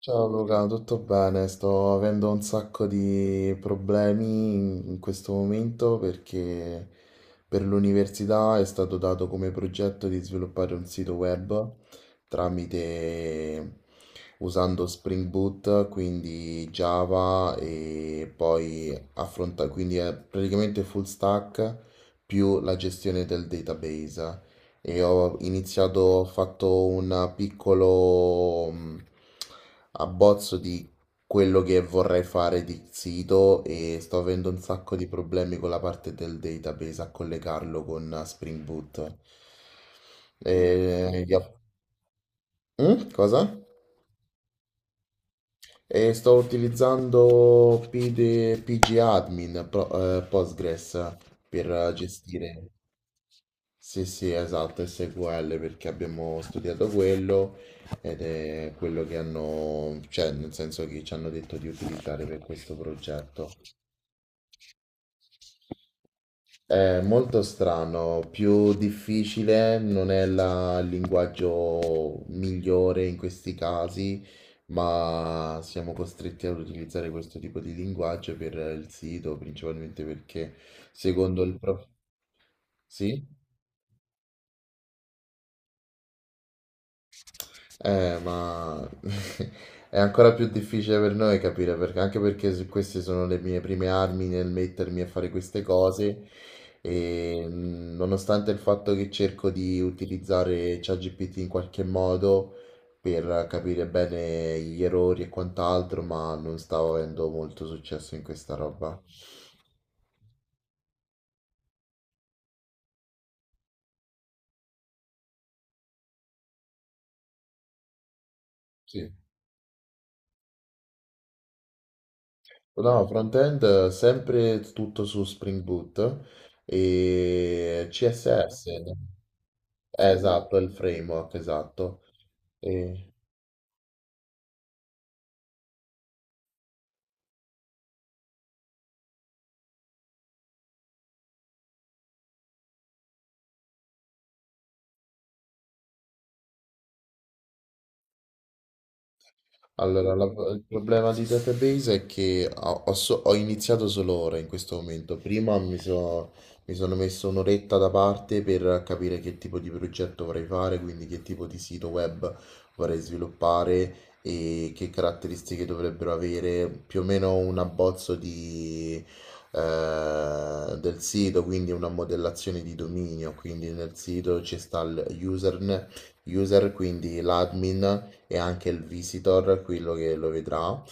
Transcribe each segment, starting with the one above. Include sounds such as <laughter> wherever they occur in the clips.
Ciao Luca, tutto bene? Sto avendo un sacco di problemi in questo momento perché per l'università è stato dato come progetto di sviluppare un sito web tramite usando Spring Boot, quindi Java e poi affronta, quindi è praticamente full stack più la gestione del database. E ho iniziato, ho fatto un piccolo abbozzo di quello che vorrei fare di sito e sto avendo un sacco di problemi con la parte del database a collegarlo con Spring Boot. E, gli app- Mm? Cosa? E sto utilizzando PD PG Admin, Pro- Postgres per gestire. Sì, sì, esatto, SQL perché abbiamo studiato quello ed è quello che hanno, cioè nel senso che ci hanno detto di utilizzare per questo progetto. È molto strano, più difficile, non è la- il linguaggio migliore in questi casi, ma siamo costretti ad utilizzare questo tipo di linguaggio per il sito, principalmente perché secondo il prof... Sì? Ma <laughs> è ancora più difficile per noi capire perché, anche perché se queste sono le mie prime armi nel mettermi a fare queste cose e nonostante il fatto che cerco di utilizzare ChatGPT in qualche modo per capire bene gli errori e quant'altro, ma non stavo avendo molto successo in questa roba. Sì. No, front-end sempre tutto su Spring Boot e CSS. Esatto, è il framework, esatto. E- Allora, la- il problema di database è che ho, ho so- ho iniziato solo ora in questo momento. Prima mi, so- mi sono messo un'oretta da parte per capire che tipo di progetto vorrei fare, quindi che tipo di sito web vorrei sviluppare e che caratteristiche dovrebbero avere, più o meno un abbozzo di, del sito, quindi una modellazione di dominio. Quindi nel sito ci sta il userne- user, quindi l'admin e anche il visitor, quello che lo vedrà,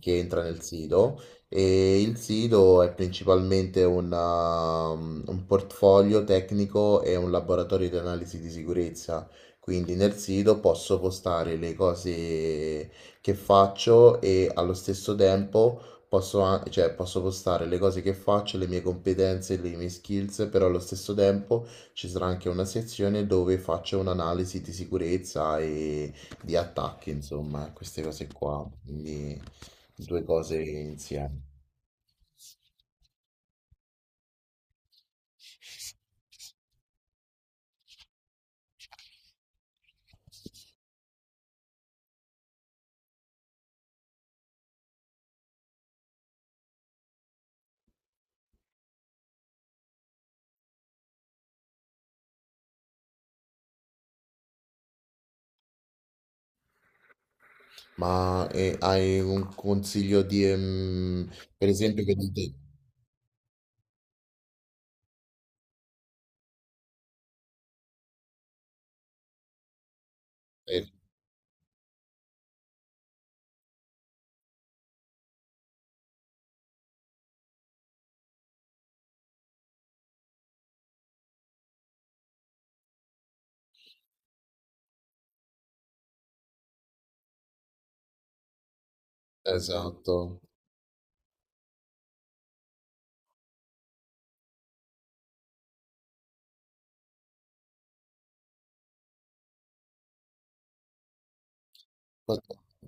che entra nel sito. E il sito è principalmente una- un portfolio tecnico e un laboratorio di analisi di sicurezza. Quindi nel sito posso postare le cose che faccio e allo stesso tempo posso, a- cioè, posso postare le cose che faccio, le mie competenze, le mie skills, però allo stesso tempo ci sarà anche una sezione dove faccio un'analisi di sicurezza e di attacchi, insomma, queste cose qua, quindi due cose insieme. Ma hai un consiglio di, per esempio, che dite, eh, esatto, Co-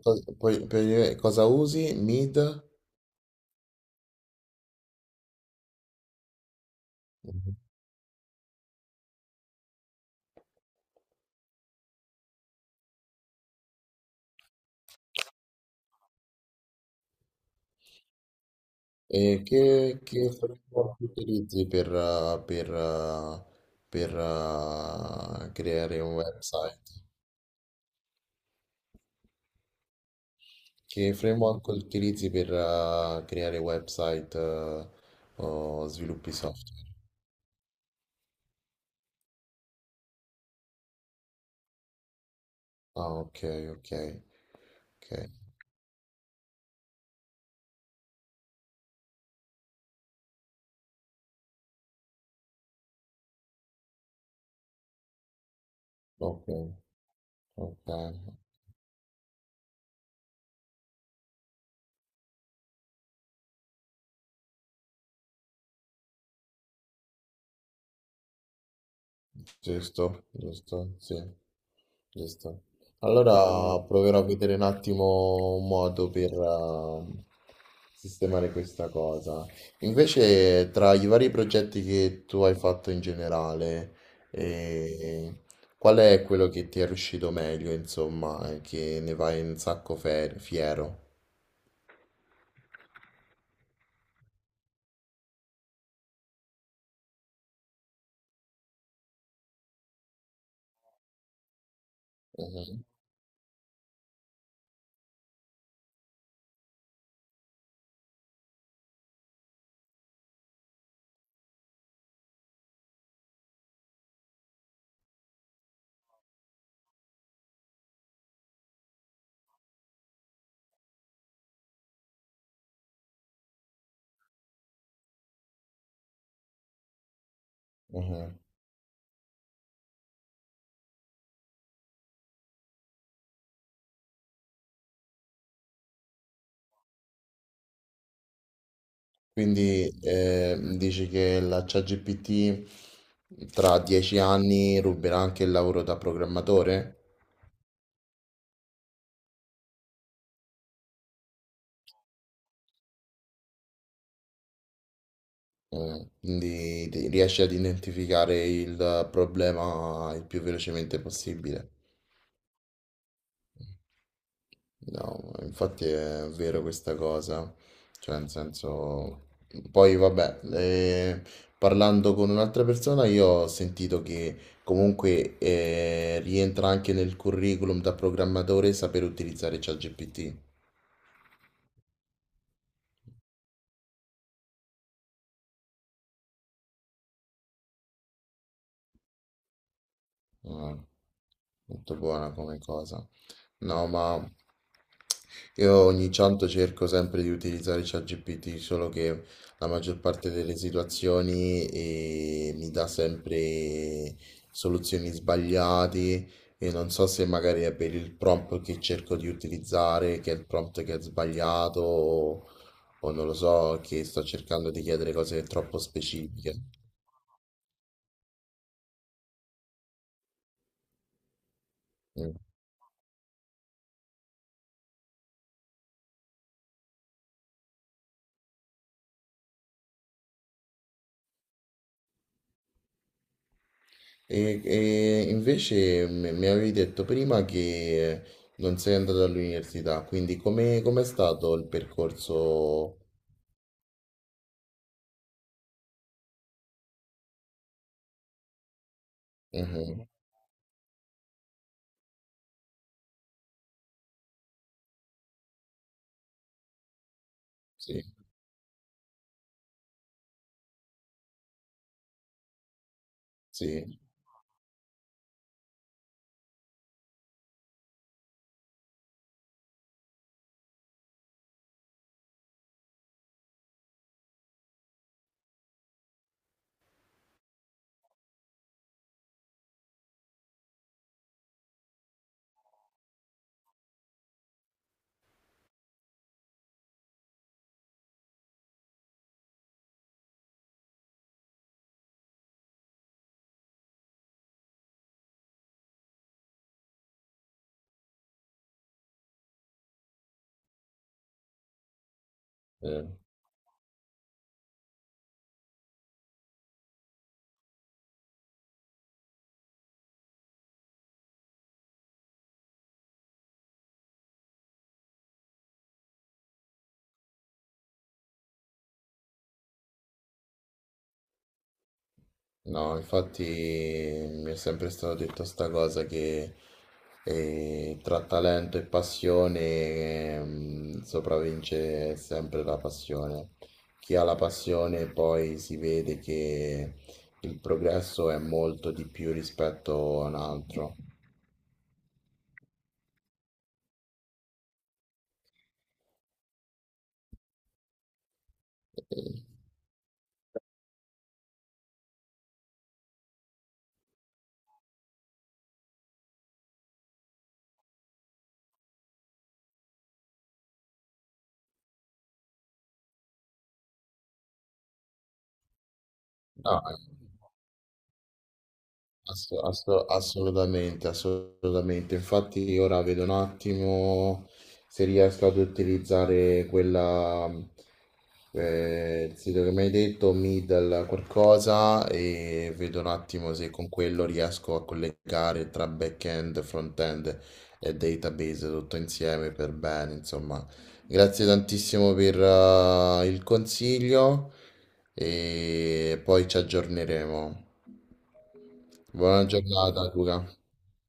co- poi- per- cosa usi? Mid? Mhm. E che framework utilizzi per, creare un website? Che framework utilizzi per creare website o sviluppi software? Ah, ok, ok, ok, ok, ok. Giusto, giusto, sì, giusto. Allora proverò a vedere un attimo un modo per sistemare questa cosa. Invece, tra i vari progetti che tu hai fatto in generale, eh, qual è quello che ti è riuscito meglio, insomma, e che ne vai un sacco fiero? Mhm, mhm. Quindi dici che la ChatGPT tra 10 anni ruberà anche il lavoro da programmatore? Mm, quindi riesci ad identificare il problema il più velocemente possibile. No, infatti è vero questa cosa. Cioè, nel senso... Poi vabbè, parlando con un'altra persona io ho sentito che comunque rientra anche nel curriculum da programmatore saper utilizzare ChatGPT. Mm, molto buona come cosa. No, ma io ogni tanto cerco sempre di utilizzare ChatGPT, solo che la maggior parte delle situazioni mi dà sempre soluzioni sbagliate e non so se magari è per il prompt che cerco di utilizzare, che è il prompt che è sbagliato o non lo so, che sto cercando di chiedere cose troppo specifiche. Mm. E invece mi avevi detto prima che non sei andato all'università, quindi come com'è stato il percorso? Mhm, sì, sì. Eh. No, infatti mi è sempre stato detto sta cosa che tra talento e passione sopravvince sempre la passione. Chi ha la passione poi si vede che il progresso è molto di più rispetto a un altro. Eh, No, assolutamente, assolutamente. Infatti ora vedo un attimo se riesco ad utilizzare quella, il sito che mi hai detto, Middle qualcosa, e vedo un attimo se con quello riesco a collegare tra back-end, front-end e database tutto insieme per bene, insomma. Grazie tantissimo per, il consiglio e poi ci aggiorneremo. Buona giornata, Luca.